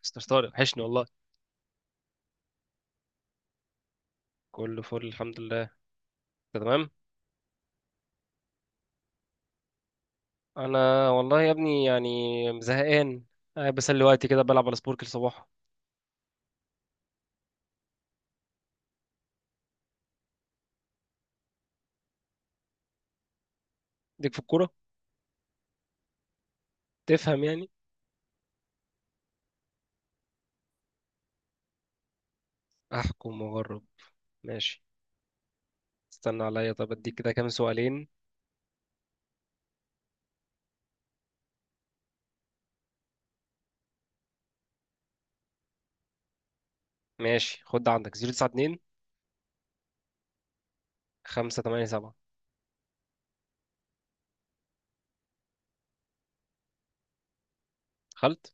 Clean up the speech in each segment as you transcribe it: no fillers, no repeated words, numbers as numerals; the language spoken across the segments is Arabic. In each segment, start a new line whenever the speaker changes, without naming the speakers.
مستر طارق وحشني والله. كله فل الحمد لله. أنت تمام؟ انا والله يا ابني يعني زهقان. قاعد بسلي وقتي كده بلعب على سبورك الصباح. ديك في الكوره. تفهم يعني. احكم واجرب. ماشي. استنى عليا، طب اديك كده كام سؤالين. ماشي خد ده عندك 092 587. دخلت.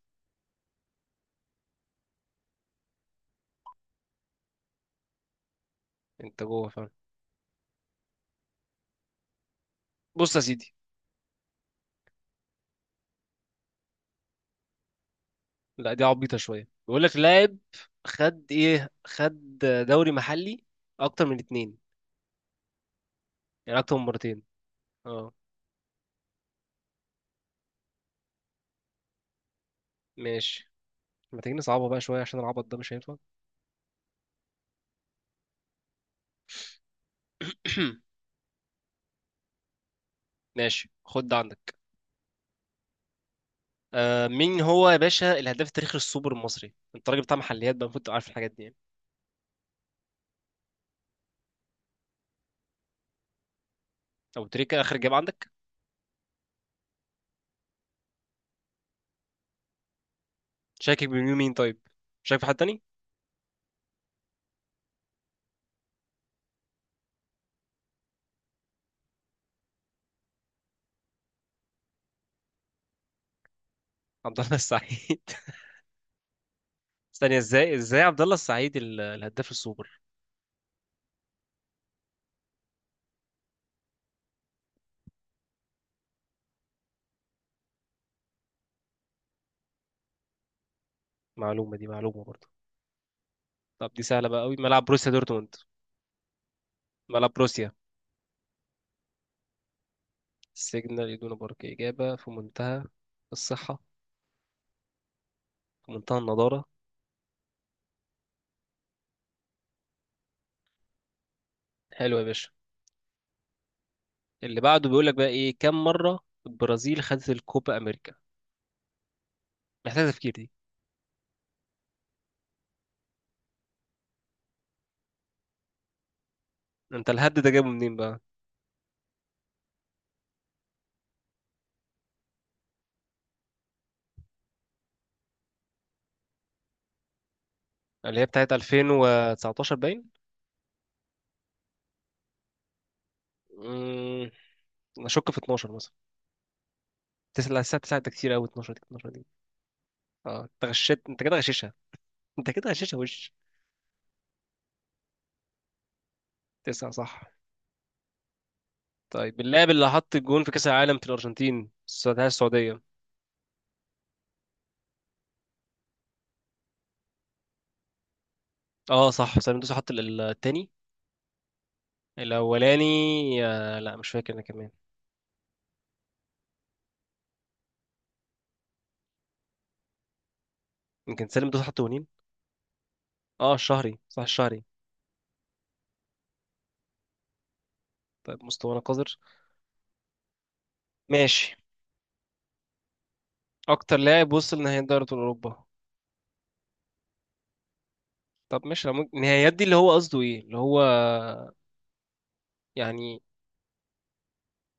انت جوه فعلا. بص يا سيدي. لا دي عبيطه شويه بيقول لك لاعب. خد ايه خد. دوري محلي. اكتر من اتنين. يعني اكتر من مرتين. اه. ماشي. ما تيجي نصعبها بقى شوية، عشان العبط ده مش هينفع. ماشي خد ده عندك. مين هو يا باشا الهداف التاريخي للسوبر المصري؟ انت راجل بتاع محليات بقى، المفروض تبقى عارف الحاجات دي يعني. ابو تريكة اخر جاب عندك؟ شاكك بمين مين طيب. شاكك في حد تاني؟ عبد الله السعيد. ثانية، ازاي ازاي عبد الله السعيد الهداف السوبر؟ معلومة دي معلومة برضه. طب دي سهلة بقى قوي، ملعب بروسيا دورتموند. ملعب بروسيا سيجنال إدونا بارك. إجابة في منتهى الصحة، في منتهى النضارة. حلو يا باشا. اللي بعده بيقول لك بقى ايه، كم مره البرازيل خدت الكوبا امريكا. محتاج تفكير دي. انت الهد ده جابه منين بقى؟ اللي هي بتاعت 2019 باين. امم انا اشك في 12 مثلا. 9، الساعة 9 ده كتير قوي، 12 دي 12 دي. اه انت غشيت، انت كده غشيشها. انت كده غشيشها وش. 9 صح. طيب اللاعب اللي حط الجون في كأس العالم في الأرجنتين، السعودية السعودية. اه صح، سالم دوسري حط التاني. الأولاني؟ آه لا مش فاكر أنا كمان. يمكن سالم دوسري حط جونين. اه الشهري صح الشهري. طيب مستوانا قذر. ماشي. اكتر لاعب وصل نهائي دوري ابطال اوروبا. طب ماشي، لو ممكن النهائيات دي اللي هو قصده ايه اللي هو يعني.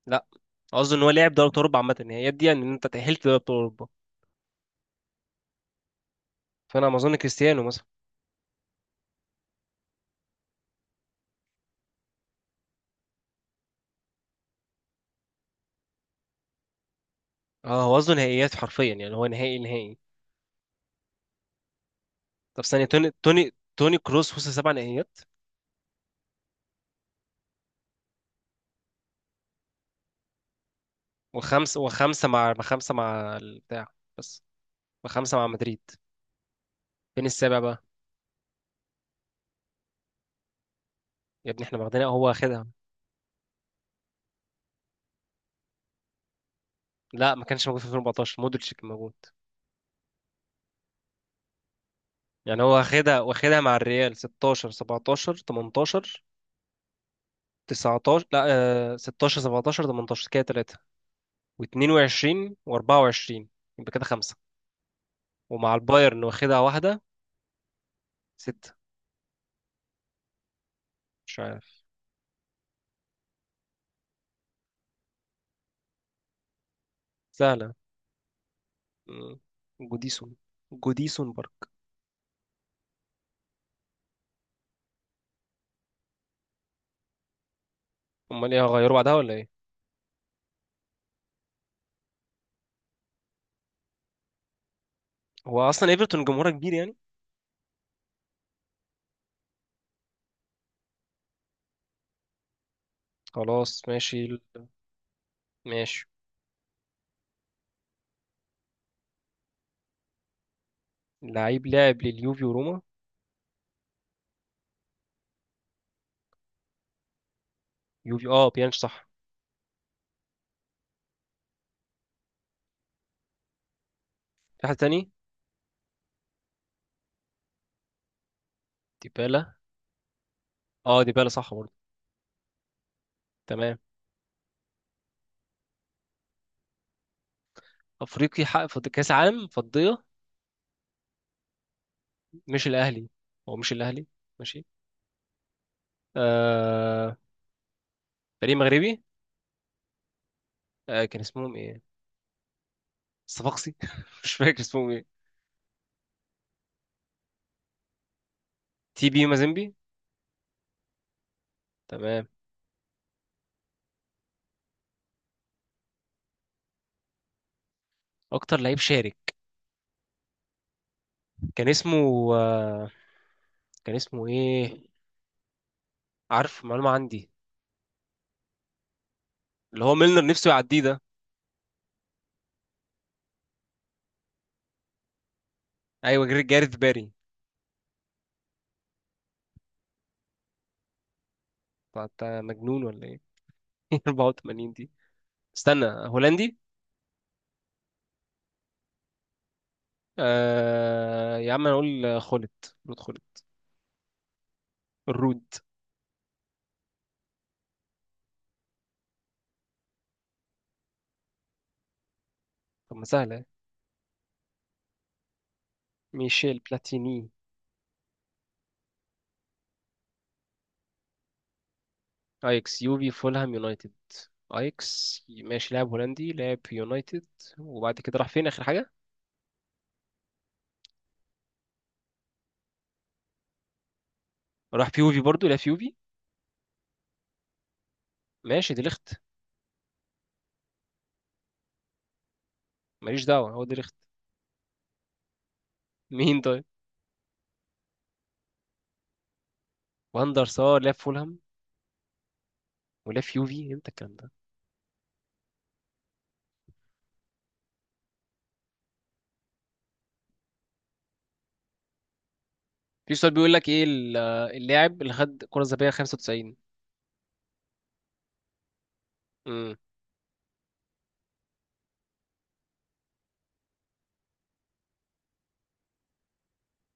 لا قصده ان هو لاعب دوري ابطال اوروبا عامه، النهائيات دي يعني ان انت تاهلت دوري ابطال اوروبا. فانا ما اظن كريستيانو مثلا. اه هو قصده نهائيات حرفيا، يعني هو نهائي نهائي. طب ثانيه، توني توني كروس وصل 7 نهائيات. وخمسه مع خمسه مع البتاع. بس. وخمسه مع مدريد. فين السابع بقى؟ يا ابني احنا واخدينها هو واخدها. لا ما كانش موجود في 2014، مودريتش كان موجود. يعني هو واخدها مع الريال 16 17 18. 19 لا. 16 17 18 كده 3. و22 و24. يبقى كده 5. ومع البايرن واخدها واحدة. 6. مش عارف. سهلة. مم. جوديسون جوديسون بارك. امال ايه، هغيره بعدها ولا ايه؟ هو اصلا ايفرتون جمهورها كبير يعني. خلاص ماشي. ماشي. لعيب لاعب لليوفي وروما. يوفي، بيانش صح. في حد تاني؟ ديبالا. اه ديبالا صح برضه. تمام. افريقي حقق كاس عالم فضيه. مش الاهلي. هو مش الاهلي. ماشي. آه. فريق مغربي. كان اسمهم ايه. الصفاقسي، مش فاكر اسمهم ايه. تي بي مازيمبي. تمام. اكتر لعيب شارك. كان اسمه. آه كان اسمه ايه. عارف معلومه عندي. اللي هو ميلنر نفسه يعديه ده. ايوه جاريث باري. طب انت مجنون ولا ايه؟ 84 دي. استنى، هولندي. يا عم انا اقول خولت، رود خولت. الرود. طب ما سهله. ميشيل بلاتيني. ايكس يوفي فولهام يونايتد. ايكس ماشي، لاعب هولندي لاعب في يونايتد. وبعد كده راح فين اخر حاجه؟ راح في يوفي برضو، لعب في يوفي. ماشي، دي ليخت. ماليش دعوه، هو دي ليخت. مين طيب؟ واندر سار لعب في فولهام. ولعب في يوفي امتى الكلام ده؟ في سؤال بيقول لك ايه اللاعب اللي خد كره ذهبيه 95. امم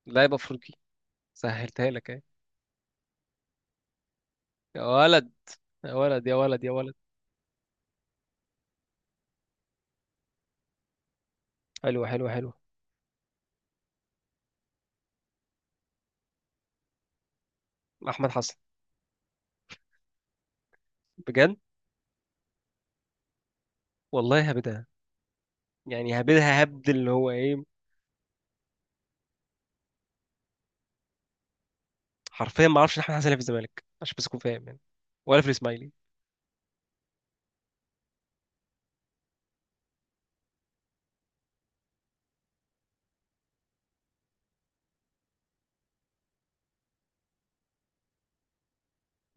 لاعب افريقي. سهلتها لك اهي. يا ولد. يا ولد يا ولد يا ولد. حلو حلو حلو. احمد حسن. بجد. والله هبدها. يعني هبدها، هبد اللي هو ايه. حرفيا ما اعرفش إن احمد حسن لعب في الزمالك عشان بس اكون فاهم يعني. ولا في الاسماعيلي.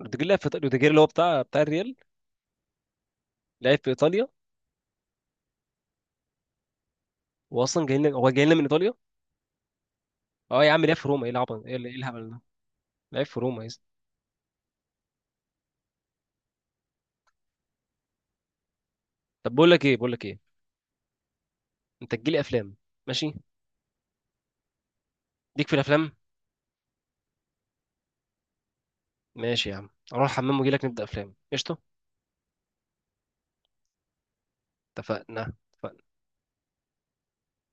روديجير لعب في إيطاليا- روديجير اللي هو بتاع الريال. لعب في ايطاليا. واصلا جاي لنا، هو جاي لنا من ايطاليا. اه يا عم لعب في روما، ايه العبط، ايه إيه الهبل ده. لعب في روما يا اسطى. طب بقول لك ايه بقول لك ايه. انت تجيلي افلام. ماشي. ليك في الافلام. ماشي يا عم، اروح الحمام واجي لك نبدا افلام قشطه. اتفقنا اتفقنا.